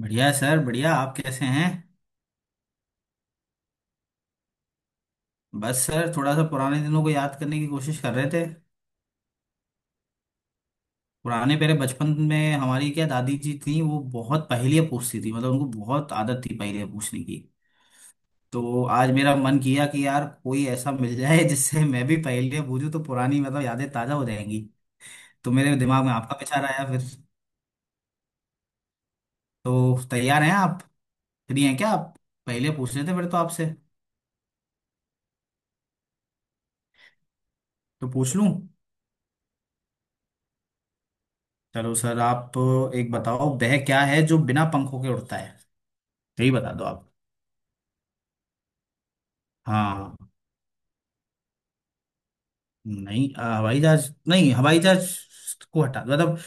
बढ़िया है सर बढ़िया। आप कैसे हैं? बस सर थोड़ा सा पुराने दिनों को याद करने की कोशिश कर रहे थे। पुराने मेरे बचपन में हमारी क्या दादी जी थी, वो बहुत पहेलियाँ पूछती थी। मतलब उनको बहुत आदत थी पहेलियाँ पूछने की। तो आज मेरा मन किया कि यार कोई ऐसा मिल जाए जिससे मैं भी पहेलियाँ पूछूं तो पुरानी मतलब यादें ताज़ा हो जाएंगी। तो मेरे दिमाग में आपका विचार आया फिर। तो तैयार हैं आप? फ्री हैं क्या आप? पहेलियाँ पूछ रहे थे फिर तो आपसे। तो पूछ लूँ। चलो सर आप। एक बताओ, वह क्या है जो बिना पंखों के उड़ता है। यही बता दो आप। हाँ। नहीं हवाई जहाज नहीं। हवाई जहाज को हटा दो मतलब।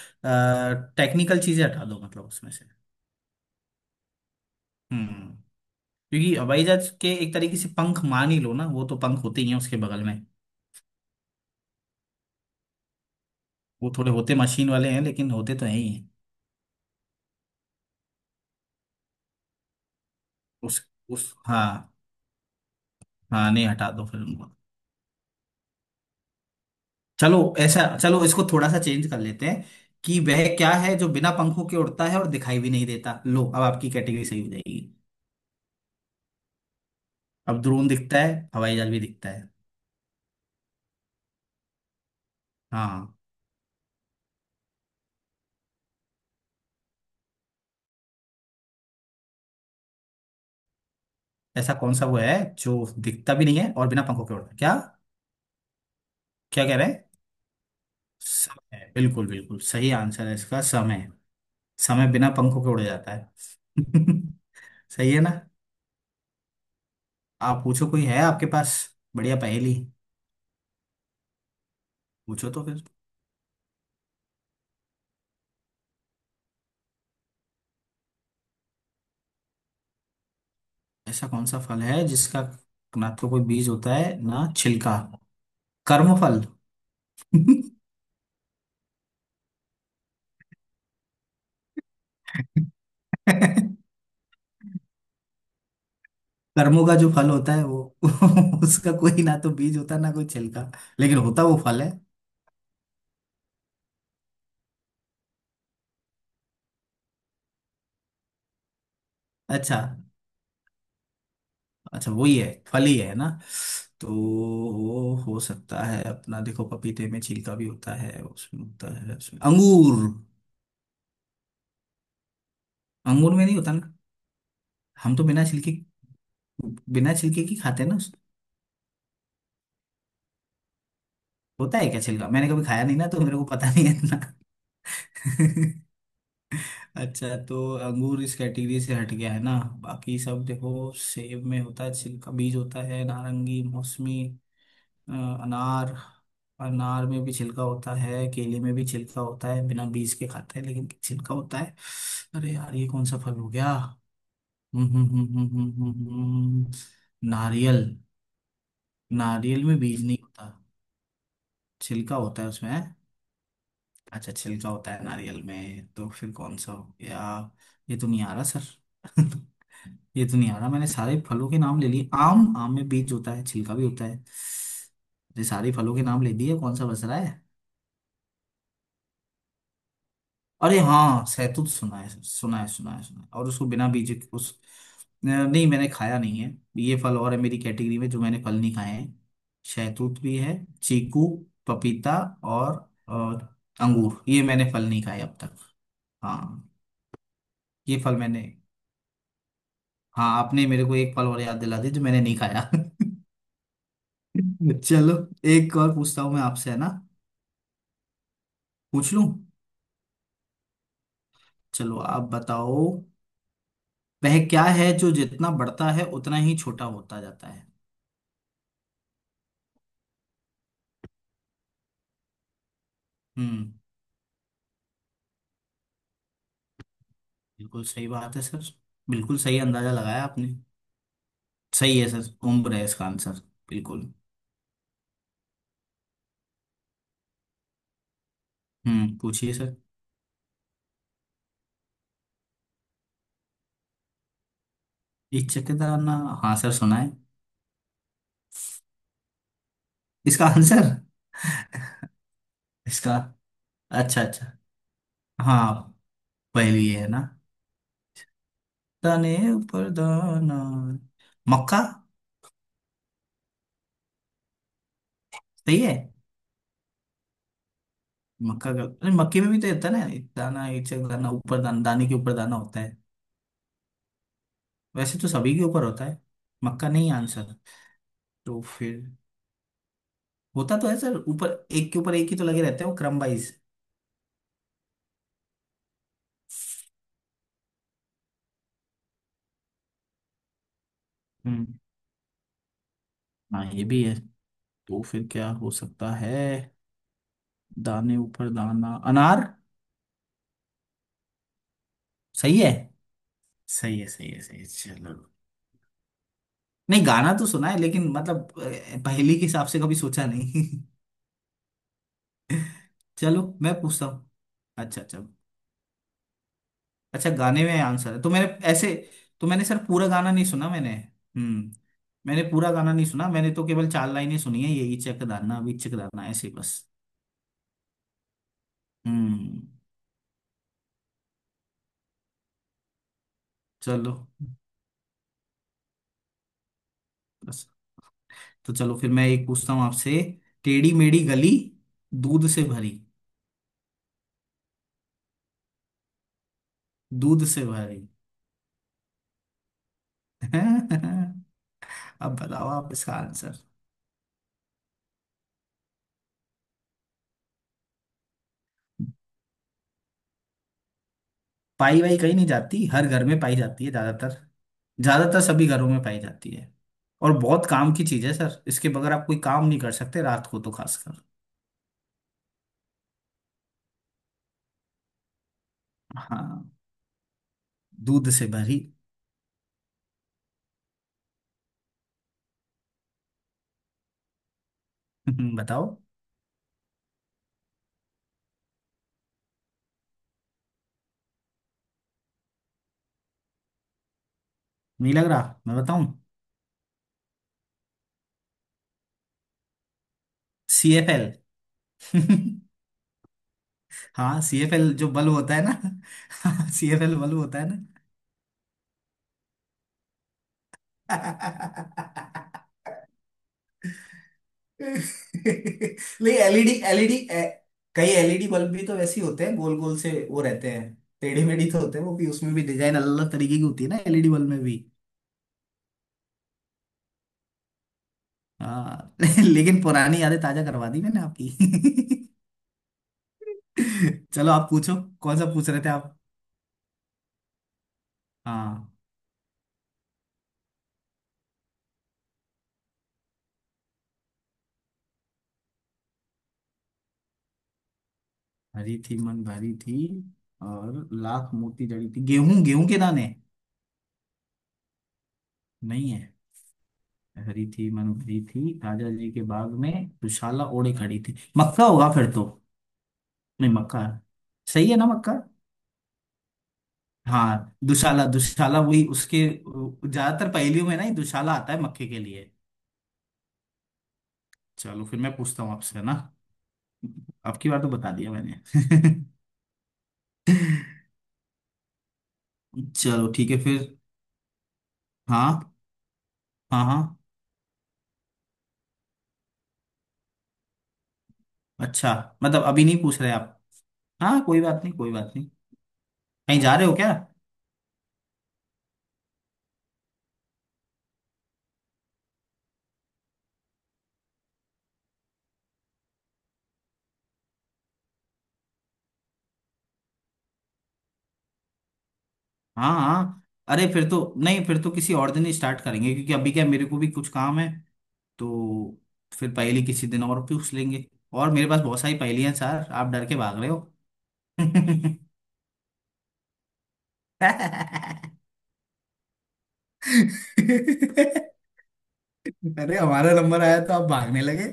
टेक्निकल चीजें हटा दो मतलब उसमें से। हम्म। क्योंकि हवाई जहाज के एक तरीके से पंख मान ही लो ना, वो तो पंख होते ही हैं उसके बगल में। वो थोड़े होते मशीन वाले हैं लेकिन होते तो हैं ही हैं। उस उस हाँ। हाँ नहीं हटा दो फिर उनको। चलो ऐसा, चलो इसको थोड़ा सा चेंज कर लेते हैं कि वह क्या है जो बिना पंखों के उड़ता है और दिखाई भी नहीं देता। लो, अब आपकी कैटेगरी सही हो जाएगी। अब ड्रोन दिखता है, हवाई जहाज भी दिखता है। हाँ। ऐसा कौन सा वो है जो दिखता भी नहीं है और बिना पंखों के उड़ता है क्या? क्या कह रहे हैं? समय बिल्कुल बिल्कुल सही आंसर है इसका। समय। समय बिना पंखों के उड़ जाता है। सही है ना। आप पूछो, कोई है आपके पास बढ़िया पहेली? पूछो तो फिर। ऐसा कौन सा फल है जिसका ना तो कोई बीज होता है ना छिलका? कर्म फल। कर्मों का जो फल होता है वो उसका कोई ना तो बीज होता है ना कोई छिलका। लेकिन होता वो फल है। अच्छा। अच्छा वही है, फल ही है ना। तो वो हो सकता है अपना। देखो पपीते में छिलका भी होता है, उसमें होता है। उसमें अंगूर। अंगूर में नहीं होता ना। हम तो बिना छिलके की खाते हैं ना होता है क्या छिलका? मैंने कभी खाया नहीं ना, तो मेरे को पता नहीं है इतना। अच्छा तो अंगूर इस कैटेगरी से हट गया है ना। बाकी सब देखो, सेब में होता है छिलका, बीज होता है। नारंगी, मौसमी, अ, अनार। अनार में भी छिलका होता है, केले में भी छिलका होता है। बिना बीज के खाते हैं लेकिन छिलका होता है। अरे यार ये कौन सा फल हो गया? हम्म हम्म हम्म हम्म हम्म हम्म, हम्म। नारियल। नारियल में बीज नहीं होता। छिलका होता है उसमें हैं? अच्छा छिलका होता है नारियल में, तो फिर कौन सा हो गया? ये तो नहीं आ रहा सर। ये तो नहीं आ रहा। मैंने सारे फलों के नाम ले लिए। आम। आम में बीज होता है, छिलका भी होता है। ये सारे फलों के नाम ले दिए, कौन सा बच रहा है? अरे हाँ सैतूत सुना है और उसको बिना बीज के- उस नहीं मैंने खाया नहीं है। ये फल और है मेरी कैटेगरी में जो मैंने फल नहीं खाए हैं। शहतूत भी है, चीकू, पपीता और अंगूर, ये मैंने फल नहीं खाए अब तक। हाँ ये फल मैंने। हाँ आपने मेरे को एक फल और याद दिला दिया जो मैंने नहीं खाया। चलो एक और पूछता हूँ मैं आपसे है ना। पूछ लूं। चलो आप बताओ। वह क्या है जो जितना बढ़ता है उतना ही छोटा होता जाता है? हम्म। बिल्कुल सही बात है सर। बिल्कुल सही अंदाजा लगाया आपने। सही है सर, उम्र है इसका आंसर। बिल्कुल। हम्म, पूछिए सर। इचकदार ना। हाँ सर, सुना है। इसका आंसर। इसका। अच्छा अच्छा। हाँ। पहली ये है ना। तने पर दाना। मक्का। सही है। मक्का का, अरे मक्के में भी तो होता है ना। एक दाना इचक दाना ऊपर दाना, दाने के ऊपर दाना होता है। वैसे तो सभी के ऊपर होता है। मक्का नहीं आंसर? तो फिर। होता तो है सर ऊपर, एक के ऊपर एक ही तो लगे रहते हैं वो क्रम वाइज। हाँ ये भी है। तो फिर क्या हो सकता है? दाने ऊपर दाना, अनार। सही है। सही है सही है सही है चलो। नहीं गाना तो सुना है लेकिन मतलब पहेली के हिसाब से कभी सोचा नहीं। चलो मैं पूछता हूँ। अच्छा अच्छा। अच्छा गाने में आंसर है तो मैंने ऐसे। तो मैंने सर पूरा गाना नहीं सुना मैंने। हम्म। मैंने पूरा गाना नहीं सुना, मैंने तो केवल चार लाइनें सुनी है, यही चकदाना अभी चकदाना ऐसे बस। हम्म चलो बस। तो चलो फिर मैं एक पूछता हूँ आपसे। टेढ़ी मेढ़ी गली। दूध से भरी। दूध से भरी। अब बताओ आप इसका आंसर। पाई वाई कहीं नहीं जाती, हर घर में पाई जाती है ज्यादातर। ज्यादातर सभी घरों में पाई जाती है। और बहुत काम की चीज है सर, इसके बगैर आप कोई काम नहीं कर सकते रात को तो खासकर। हाँ। दूध से भरी। बताओ। नहीं लग रहा, मैं बताऊं? C F L. हाँ सी एफ एल जो बल्ब होता है ना सी एफ एल बल्ब होता है। नहीं एलईडी एलईडी कई एलईडी बल्ब भी तो वैसे ही होते हैं, गोल गोल से वो रहते हैं। टेढ़ी मेढ़ी तो होते हैं वो भी। उसमें भी डिजाइन अलग अलग तरीके की होती है ना एलईडी बल्ब में भी। हाँ लेकिन पुरानी यादें ताजा करवा दी मैंने आपकी। चलो आप पूछो। कौन सा पूछ रहे थे आप? हाँ। हरी थी मन भरी थी और लाख मोती जड़ी थी, गेहूं, गेहूं के दाने। नहीं हरी थी मनभरी थी राजा जी के बाग में दुशाला ओढ़े खड़ी थी, मक्का होगा फिर तो। नहीं, मक्का है। सही है ना मक्का। हाँ दुशाला, दुशाला वही उसके। ज्यादातर पहेलियों में ना ये दुशाला आता है मक्के के लिए। चलो फिर मैं पूछता हूँ आपसे है ना। आपकी बार तो बता दिया मैंने। चलो ठीक है फिर। हाँ हाँ हाँ। अच्छा, मतलब अभी नहीं पूछ रहे आप? हाँ कोई बात नहीं, कोई बात नहीं। कहीं जा रहे हो क्या? हाँ हाँ। अरे फिर तो नहीं, फिर तो किसी और दिन ही स्टार्ट करेंगे क्योंकि अभी क्या मेरे को भी कुछ काम है। तो फिर पहेली किसी दिन और पूछ लेंगे। और मेरे पास बहुत सारी पहेलियां हैं सर, आप डर के भाग रहे हो। अरे हमारा नंबर आया तो आप भागने लगे।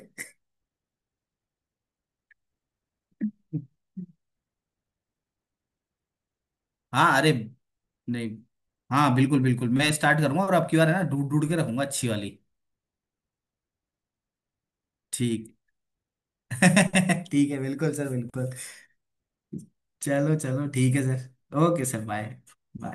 हाँ अरे नहीं। हाँ बिल्कुल बिल्कुल, मैं स्टार्ट करूंगा और आपकी बार है ना ढूंढ ढूंढ के रखूंगा अच्छी वाली। ठीक। ठीक है बिल्कुल सर बिल्कुल। चलो चलो ठीक है sir, okay sir, bye. Bye.